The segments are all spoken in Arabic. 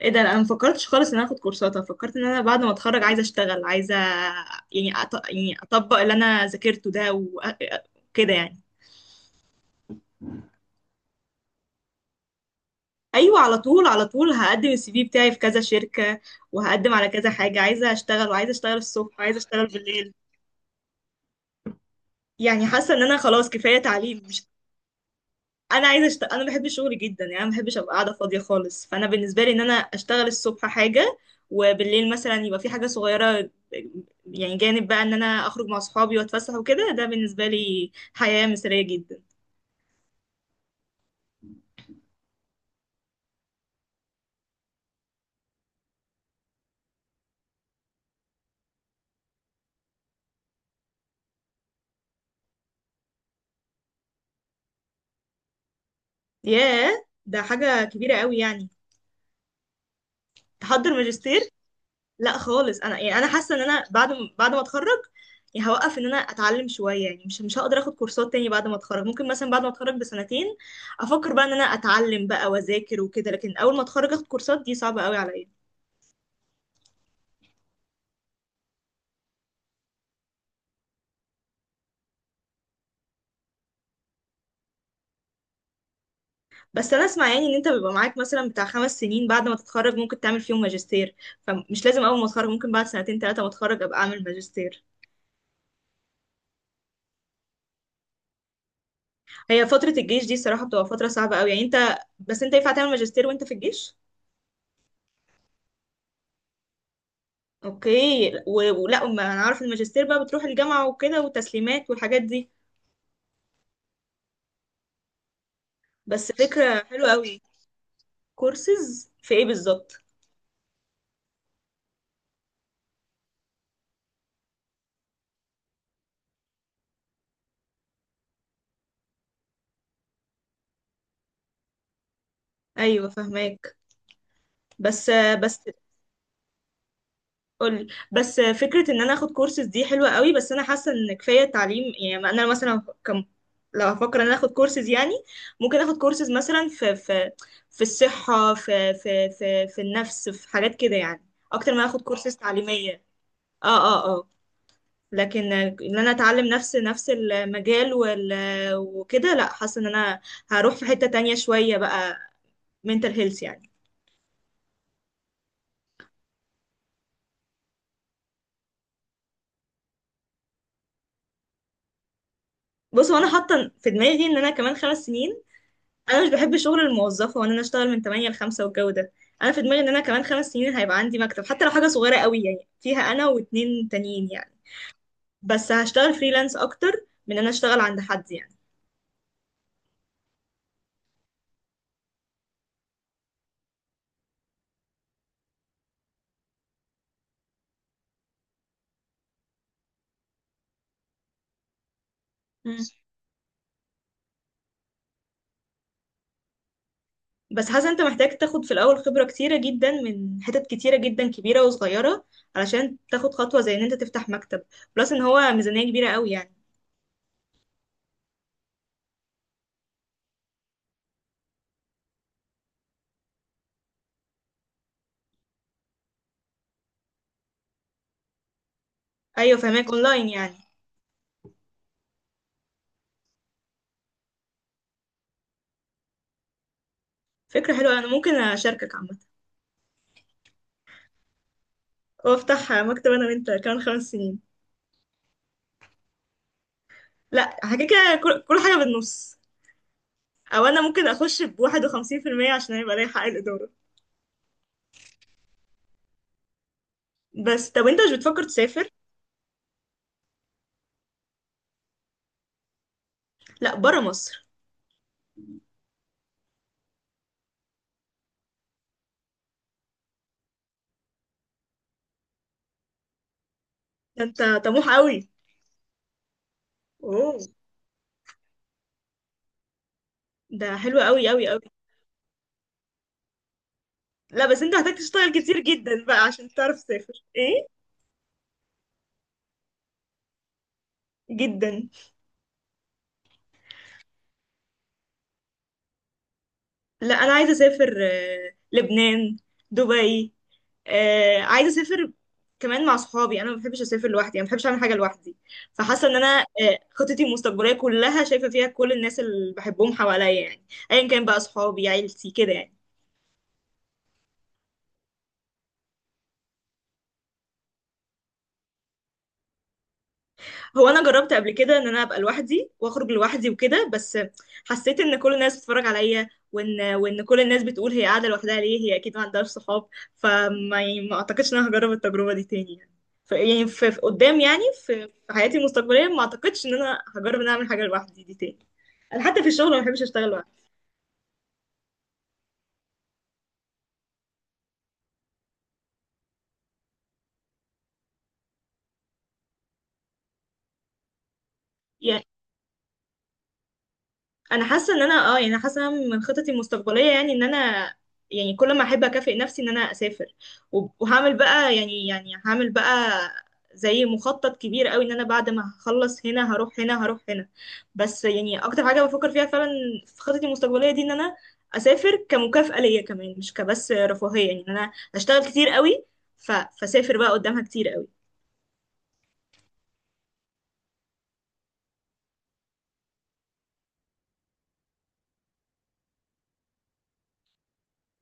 ايه ده؟ انا ما فكرتش خالص ان انا اخد كورسات. انا فكرت ان انا بعد ما اتخرج عايزه اشتغل، عايزه يعني اطبق اللي انا ذاكرته ده وكده يعني. ايوه على طول، على طول هقدم السي في بتاعي في كذا شركه، وهقدم على كذا حاجه. عايزه اشتغل وعايزه اشتغل الصبح وعايزه اشتغل بالليل. يعني حاسه ان انا خلاص كفايه تعليم، مش... انا عايزه انا بحب شغلي جدا يعني. انا ما بحبش ابقى قاعده فاضيه خالص. فانا بالنسبه لي ان انا اشتغل الصبح حاجه، وبالليل مثلا يبقى في حاجه صغيره. يعني جانب بقى ان انا اخرج مع صحابي واتفسح وكده، ده بالنسبه لي حياه مثاليه جدا. ياه، ده حاجه كبيره قوي يعني. تحضر ماجستير؟ لا خالص. انا يعني انا حاسه ان انا بعد ما اتخرج يعني هوقف ان انا اتعلم شويه يعني. مش هقدر اخد كورسات تاني بعد ما اتخرج. ممكن مثلا بعد ما اتخرج بسنتين افكر بقى ان انا اتعلم بقى واذاكر وكده، لكن اول ما اتخرج اخد كورسات دي صعبه قوي عليا. بس انا اسمع يعني ان انت بيبقى معاك مثلا بتاع خمس سنين بعد ما تتخرج ممكن تعمل فيهم ماجستير، فمش لازم اول ما اتخرج، ممكن بعد سنتين ثلاثه ما اتخرج ابقى اعمل ماجستير. هي فتره الجيش دي الصراحه بتبقى فتره صعبه قوي يعني. انت بس انت ينفع تعمل ماجستير وانت في الجيش؟ اوكي. ولا، ما انا عارف الماجستير بقى بتروح الجامعة وكده وتسليمات والحاجات دي. بس فكرة حلوة قوي. كورسز في ايه بالظبط؟ ايوه فهماك، بس بس قولي. بس فكرة ان انا اخد كورسز دي حلوة قوي، بس انا حاسة ان كفاية تعليم. يعني ما انا مثلا كم... لو هفكر ان انا اخد كورسز يعني، ممكن اخد كورسز مثلا في في الصحة، في النفس، في حاجات كده يعني، اكتر ما اخد كورسز تعليمية. اه، اه، آه. لكن ان انا اتعلم نفس المجال وكده، لا. حاسه ان انا هروح في حته تانية شويه بقى، mental health يعني. بص، هو انا حاطه في دماغي ان انا كمان 5 سنين، انا مش بحب شغل الموظفه وان انا اشتغل من 8 ل 5 والجو ده. انا في دماغي ان انا كمان خمس سنين هيبقى عندي مكتب، حتى لو حاجه صغيره قوي يعني، فيها انا واتنين تانيين يعني. بس هشتغل فريلانس اكتر من ان انا اشتغل عند حد يعني. بس حاسه انت محتاج تاخد في الاول خبره كتيره جدا من حتت كتيره جدا، كبيره وصغيره، علشان تاخد خطوه زي ان انت تفتح مكتب. بلس ان هو ميزانيه كبيره قوي يعني. ايوه فهماك، اونلاين يعني. فكره حلوه، انا ممكن اشاركك عامه، وافتح مكتب انا وانت كمان 5 سنين. لا حاجه كده، كل حاجه بالنص، او انا ممكن اخش بواحد وخمسين في المية عشان يبقى ليا حق الاداره. بس طب انت مش بتفكر تسافر؟ لا، برا مصر. ده انت طموح قوي. اوه. ده حلو قوي قوي قوي. لا بس انت هتحتاج تشتغل كتير جدا بقى عشان تعرف تسافر، ايه، جدا. لا انا عايزه اسافر لبنان، دبي. عايزه اسافر كمان مع صحابي. انا ما بحبش اسافر لوحدي، انا ما بحبش اعمل حاجه لوحدي. فحاسه ان انا، خطتي المستقبليه كلها شايفه فيها كل الناس اللي بحبهم حواليا يعني. ايا كان بقى، صحابي، عيلتي كده يعني. هو انا جربت قبل كده ان انا ابقى لوحدي واخرج لوحدي وكده، بس حسيت ان كل الناس بتتفرج عليا، وان كل الناس بتقول هي قاعده لوحدها ليه، هي اكيد ما عندهاش صحاب. فما يعني ما اعتقدش ان انا هجرب التجربه دي تاني يعني. يعني في قدام يعني في حياتي المستقبليه ما اعتقدش ان انا هجرب ان أنا اعمل حاجه لوحدي دي تاني. انا حتى في الشغل ما بحبش اشتغل لوحدي. انا حاسه ان انا اه يعني، أنا حاسه إن من خططي المستقبليه يعني ان انا، يعني كل ما احب اكافئ نفسي ان انا اسافر، وهعمل بقى يعني هعمل بقى زي مخطط كبير قوي ان انا بعد ما هخلص هنا هروح هنا، هروح هنا. بس يعني اكتر حاجه بفكر فيها فعلا في خططي المستقبليه دي، ان انا اسافر كمكافاه ليا كمان، مش كبس رفاهيه يعني، إن انا اشتغل كتير قوي فسافر بقى قدامها كتير قوي.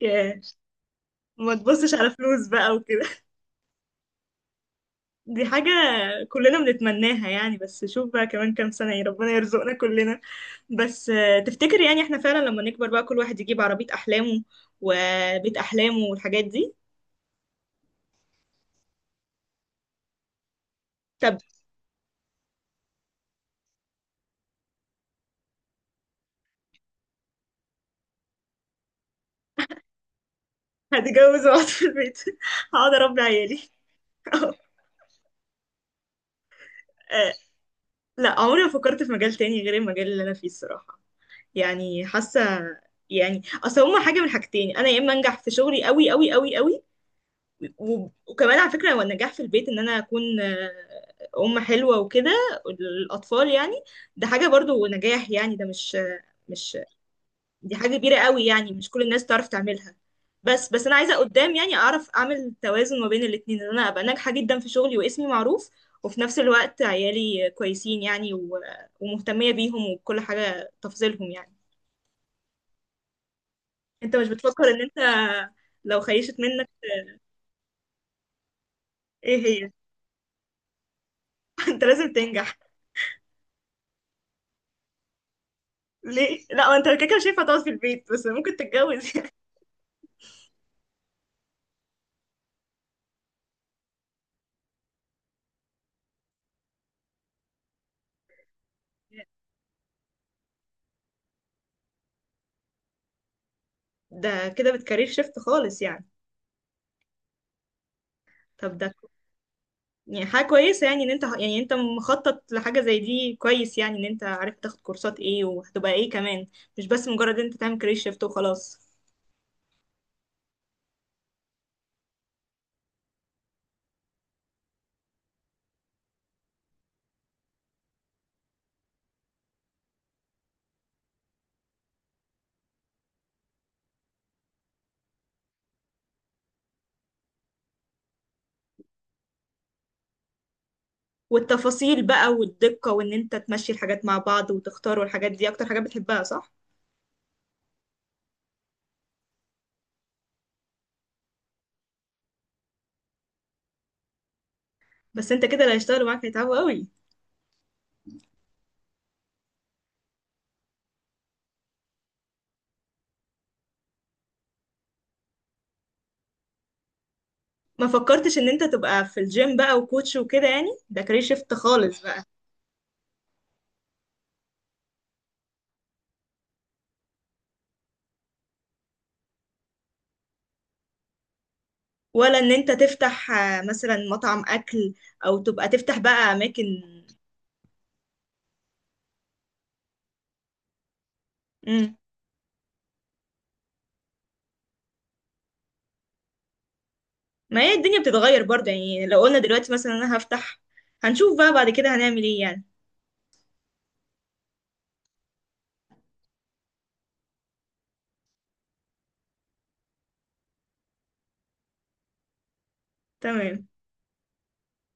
ياه، ما تبصش على فلوس بقى. دي حاجة كلنا بنتمناها يعني، بس شوف بقى كمان كام سنة، ايه، ربنا يرزقنا كلنا. بس تفتكر يعني احنا فعلا لما نكبر بقى كل واحد يجيب عربية أحلامه وبيت أحلامه والحاجات دي؟ طب هتجوز واقعد في البيت هقعد أربي عيالي. آه، لا، عمري ما فكرت في مجال تاني غير المجال اللي أنا فيه الصراحة. يعني حاسة، يعني اصل هما حاجة من حاجتين: انا يا اما انجح في شغلي قوي قوي قوي قوي، وكمان على فكرة، هو النجاح في البيت ان انا اكون ام حلوة وكده، الاطفال يعني، ده حاجة برضو نجاح يعني، ده مش مش... دي حاجة كبيرة قوي يعني، مش كل الناس تعرف تعملها. بس انا عايزة قدام يعني اعرف اعمل توازن ما بين الاتنين، ان انا ابقى ناجحة جدا في شغلي واسمي معروف، وفي نفس الوقت عيالي كويسين يعني، ومهتمية بيهم وكل حاجة تفضلهم يعني. انت مش بتفكر ان انت، لو خيشت منك؟ ايه هي؟ انت لازم تنجح. ليه لا، هو انت كده كده مش هينفع تقعد في البيت، بس ممكن تتجوز يعني. ده كده بتكارير شيفت خالص يعني. طب ده يعني حاجة كويسة يعني، ان انت يعني، انت مخطط لحاجة زي دي كويس يعني، ان انت عارف تاخد كورسات ايه وهتبقى ايه كمان، مش بس مجرد ان انت تعمل كارير شيفت وخلاص. والتفاصيل بقى والدقة وان انت تمشي الحاجات مع بعض وتختار والحاجات دي اكتر حاجة بتحبها، صح؟ بس انت كده اللي هيشتغلوا معاك هيتعبوا قوي. ما فكرتش ان انت تبقى في الجيم بقى وكوتش وكده يعني ده كارير شيفت خالص بقى؟ ولا ان انت تفتح مثلا مطعم اكل، او تبقى تفتح بقى اماكن؟ مم. ما هي الدنيا بتتغير برضه يعني، لو قلنا دلوقتي مثلا انا هفتح، هنشوف بقى بعد كده هنعمل ايه يعني. تمام.